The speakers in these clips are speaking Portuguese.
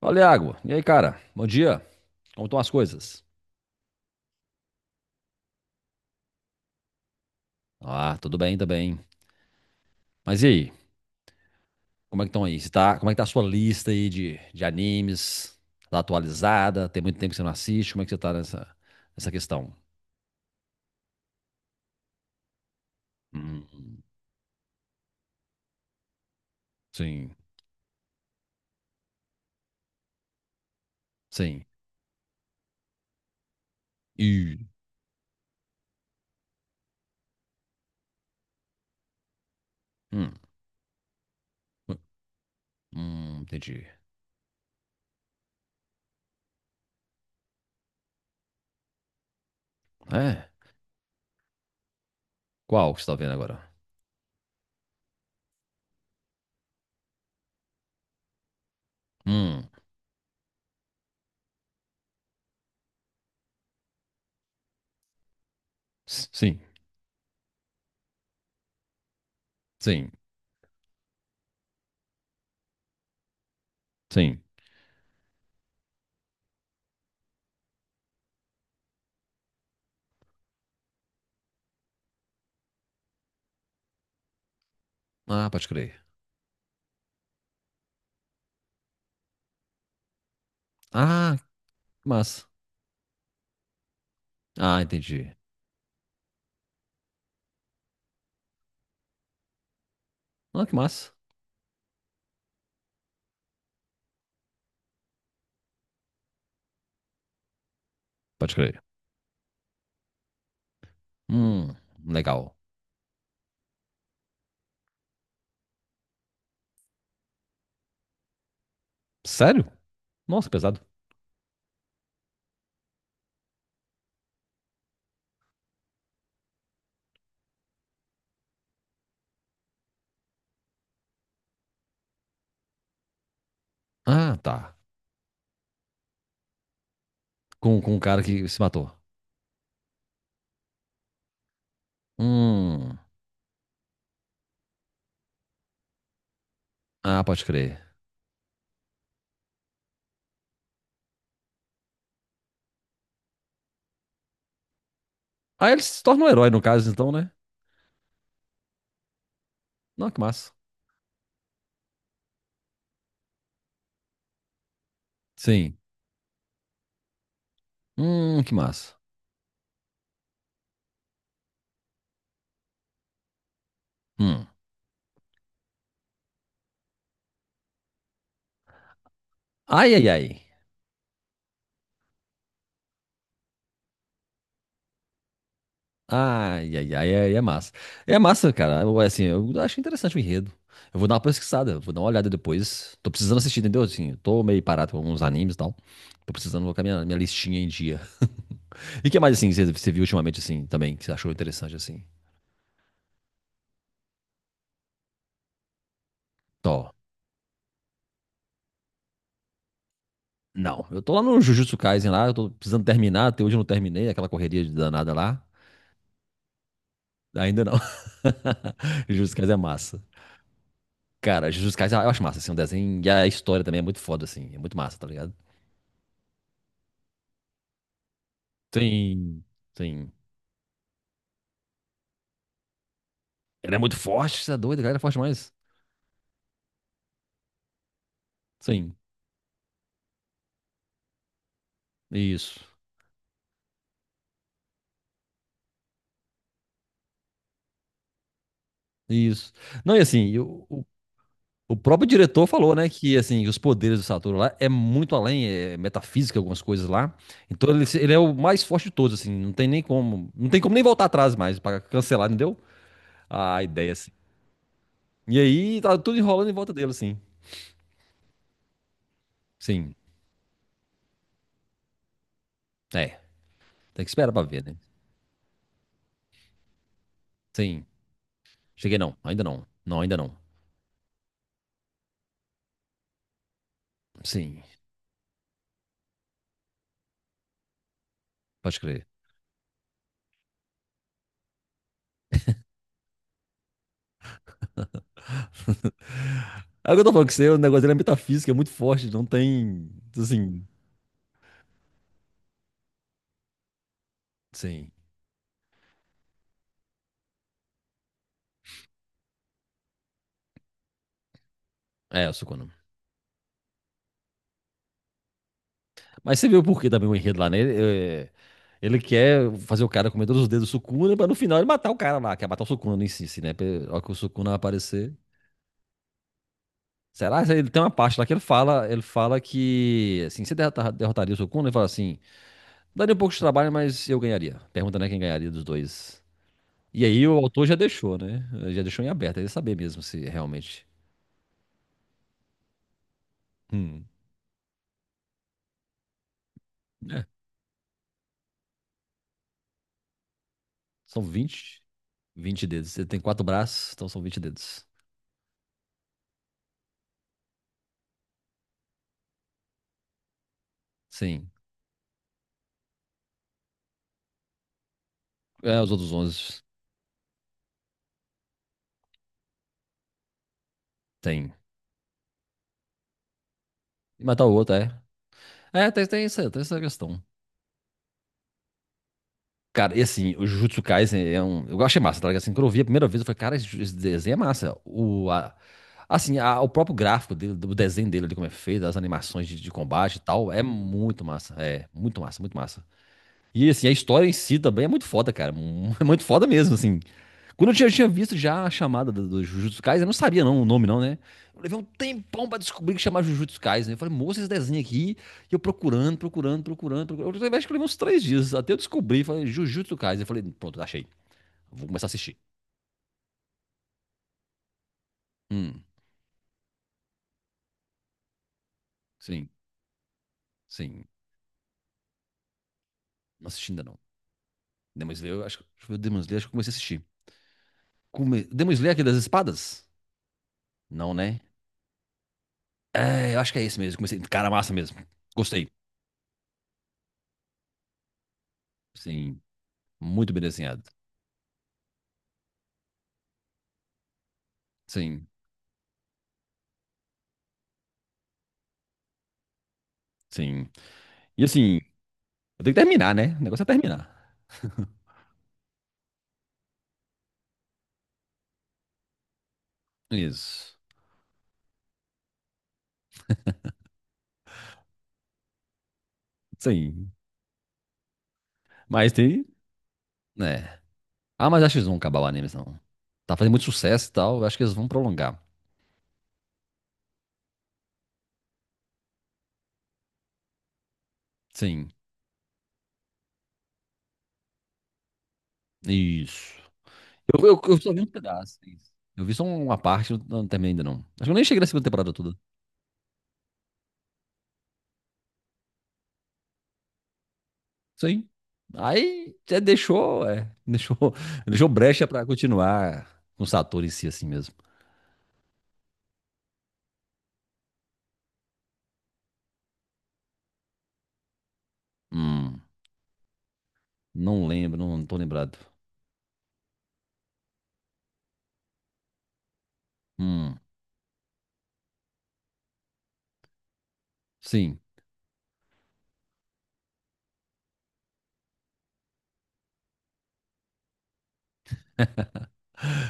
Fala, Iago. E aí, cara? Bom dia. Como estão as coisas? Ah, tudo bem também. Mas e aí? Como é que estão aí? Como é que tá a sua lista aí de animes? Tá atualizada? Tem muito tempo que você não assiste? Como é que você tá nessa questão? Hum, sim, sim. E... Hum, entendi. É? Qual que você tá vendo agora? Hum, sim, sim, sim. Ah, pode crer. Ah, que massa. Ah, entendi. Ah, que massa. Pode crer. Hum, legal. Sério? Nossa, que pesado. Ah, tá. Com um cara que se matou. Hum. Ah, pode crer. Ah, ele se torna um herói no caso, então, né? Não, que massa. Sim. Que massa. Hum. Ai, ai, ai. Ai, ai, ai, ai, é massa. É massa, cara. Eu, assim, eu acho interessante o enredo. Eu vou dar uma pesquisada, vou dar uma olhada depois. Tô precisando assistir, entendeu? Assim, eu tô meio parado com alguns animes e tal. Tô precisando colocar minha listinha em dia. E o que mais, assim, você viu ultimamente, assim, também, que você achou interessante, assim? Tó. Não, eu tô lá no Jujutsu Kaisen lá, eu tô precisando terminar, até hoje eu não terminei, aquela correria de danada lá. Ainda não. Jujutsu Kaisen é massa. Cara, Jujutsu Kaisen eu acho massa, assim, o desenho e a história também é muito foda, assim, é muito massa, tá ligado? Sim, sim. Ele é muito forte, você é doido, cara, ele é forte demais. Sim, isso, isso. Não, e assim, eu. O próprio diretor falou, né, que assim, os poderes do Satoru lá é muito além, é metafísica, algumas coisas lá. Então ele é o mais forte de todos, assim, não tem nem como, não tem como nem voltar atrás mais pra cancelar, entendeu? A ideia assim. E aí tá tudo enrolando em volta dele, assim. Sim. É, tem que esperar pra ver, né? Sim. Cheguei não, ainda não. Não, ainda não. Sim, pode crer. É o que eu tô falando que você, o negócio dele é metafísica, é muito forte, não tem assim, sim. É, o Sukuna. Mas você viu por que também o enredo lá, né? Ele quer fazer o cara comer todos os dedos do Sukuna pra no final ele matar o cara lá, quer matar o Sukuna em si, né? A hora que o Sukuna aparecer. Será? Ele tem uma parte lá que ele fala que, assim, você derrotaria o Sukuna? Ele fala assim, daria um pouco de trabalho, mas eu ganharia. Pergunta, né, quem ganharia dos dois. E aí o autor já deixou, né? Já deixou em aberto, ele saber mesmo se realmente... Hum, são vinte dedos. Ele tem quatro braços, então são 20 dedos. Sim. É, os outros 11 tem. E matar o outro, é. É, tem essa questão. Cara, e assim, o Jujutsu Kaisen é um. Eu achei massa, tá ligado? Assim, quando eu vi a primeira vez, eu falei, cara, esse desenho é massa. Assim, o próprio gráfico dele, do desenho dele ali, como é feito, as animações de combate e tal, é muito massa. É, muito massa, muito massa. E assim, a história em si também é muito foda, cara. É muito foda mesmo, assim. Quando eu tinha visto já a chamada do Jujutsu Kaisen, eu não sabia não o nome não, né? Eu levei um tempão pra descobrir que chamava Jujutsu Kaisen, né? Eu falei, moça, esse desenho aqui. E eu procurando, procurando, procurando, procurando. Eu acho que eu levei uns 3 dias até eu descobrir. Falei, Jujutsu Kaisen. Eu falei, pronto, achei. Vou começar a assistir. Hum, sim, sim. Não assisti ainda não. Demon Slayer, eu acho que... Deixa eu ver o Demon Slayer, acho que eu comecei a assistir. Demon Slayer, aquele das espadas? Não, né? É, eu acho que é esse mesmo. Cara, massa mesmo. Gostei. Sim, muito bem desenhado. Sim, sim. E assim, eu tenho que terminar, né? O negócio é terminar. Isso. Sim. Mas tem. É. Ah, mas acho que eles vão acabar o anime, não. Tá fazendo muito sucesso e tal. Eu acho que eles vão prolongar. Sim. Isso. Eu só vi um pedaço. Isso. Eu vi só uma parte, eu não terminei ainda não. Acho que eu nem cheguei na segunda temporada toda. Sim. Aí deixou brecha pra continuar com o Satoru em si assim mesmo. Hum, não lembro, não, não tô lembrado. Hum, sim.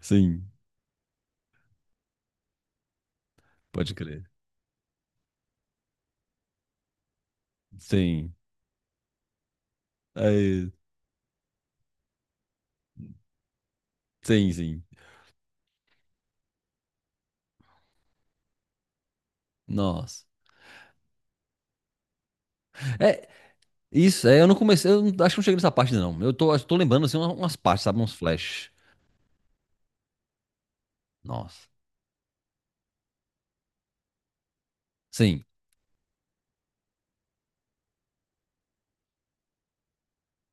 Sim, pode crer. Sim. É, sim, sim. Nossa. É, isso, é, eu não comecei, eu não- acho que não cheguei nessa parte, não. Eu tô lembrando, assim, umas partes, sabe? Uns flash. Nossa. Sim.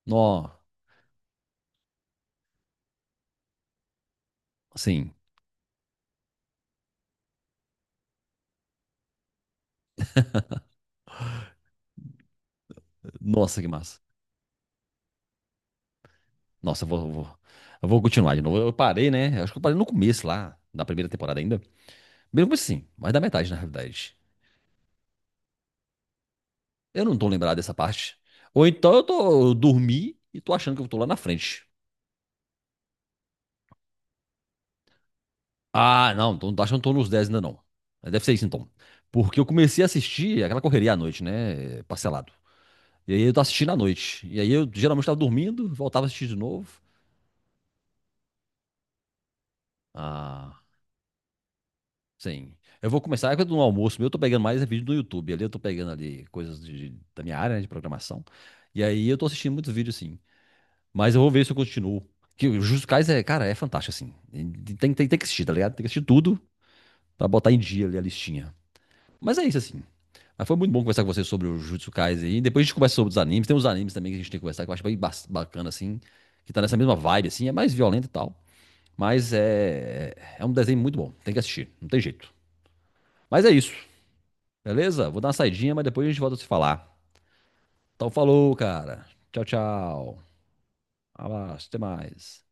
Nó. Sim. Nossa, que massa. Nossa, eu vou continuar de novo. Eu parei, né? Eu acho que eu parei no começo lá, da primeira temporada ainda. Bem no começo, sim, mas da metade, na realidade. Eu não tô lembrado dessa parte. Ou então eu tô, eu dormi e tô achando que eu tô lá na frente. Ah, não, então acho que eu não tô nos 10 ainda não. Mas deve ser isso então. Porque eu comecei a assistir aquela correria à noite, né? Parcelado. E aí eu tava assistindo à noite. E aí eu geralmente tava dormindo, voltava a assistir de novo. Ah, sim. Eu vou começar, quando no almoço meu, eu tô pegando mais é vídeo do YouTube. Ali eu tô pegando ali coisas da minha área, né, de programação. E aí eu tô assistindo muitos vídeos, sim. Mas eu vou ver se eu continuo. Que o Jujutsu Kaisen é, cara, é fantástico, assim. E tem que assistir, tá ligado? Tem que assistir tudo pra botar em dia ali a listinha. Mas é isso, assim. Mas foi muito bom conversar com você sobre o Jujutsu Kaisen aí. Depois a gente conversa sobre os animes. Tem uns animes também que a gente tem que conversar, que eu acho bem bacana, assim. Que tá nessa mesma vibe, assim. É mais violento e tal. Mas é um desenho muito bom. Tem que assistir. Não tem jeito. Mas é isso. Beleza? Vou dar uma saidinha, mas depois a gente volta a se falar. Então falou, cara. Tchau, tchau. Abraço. Até mais.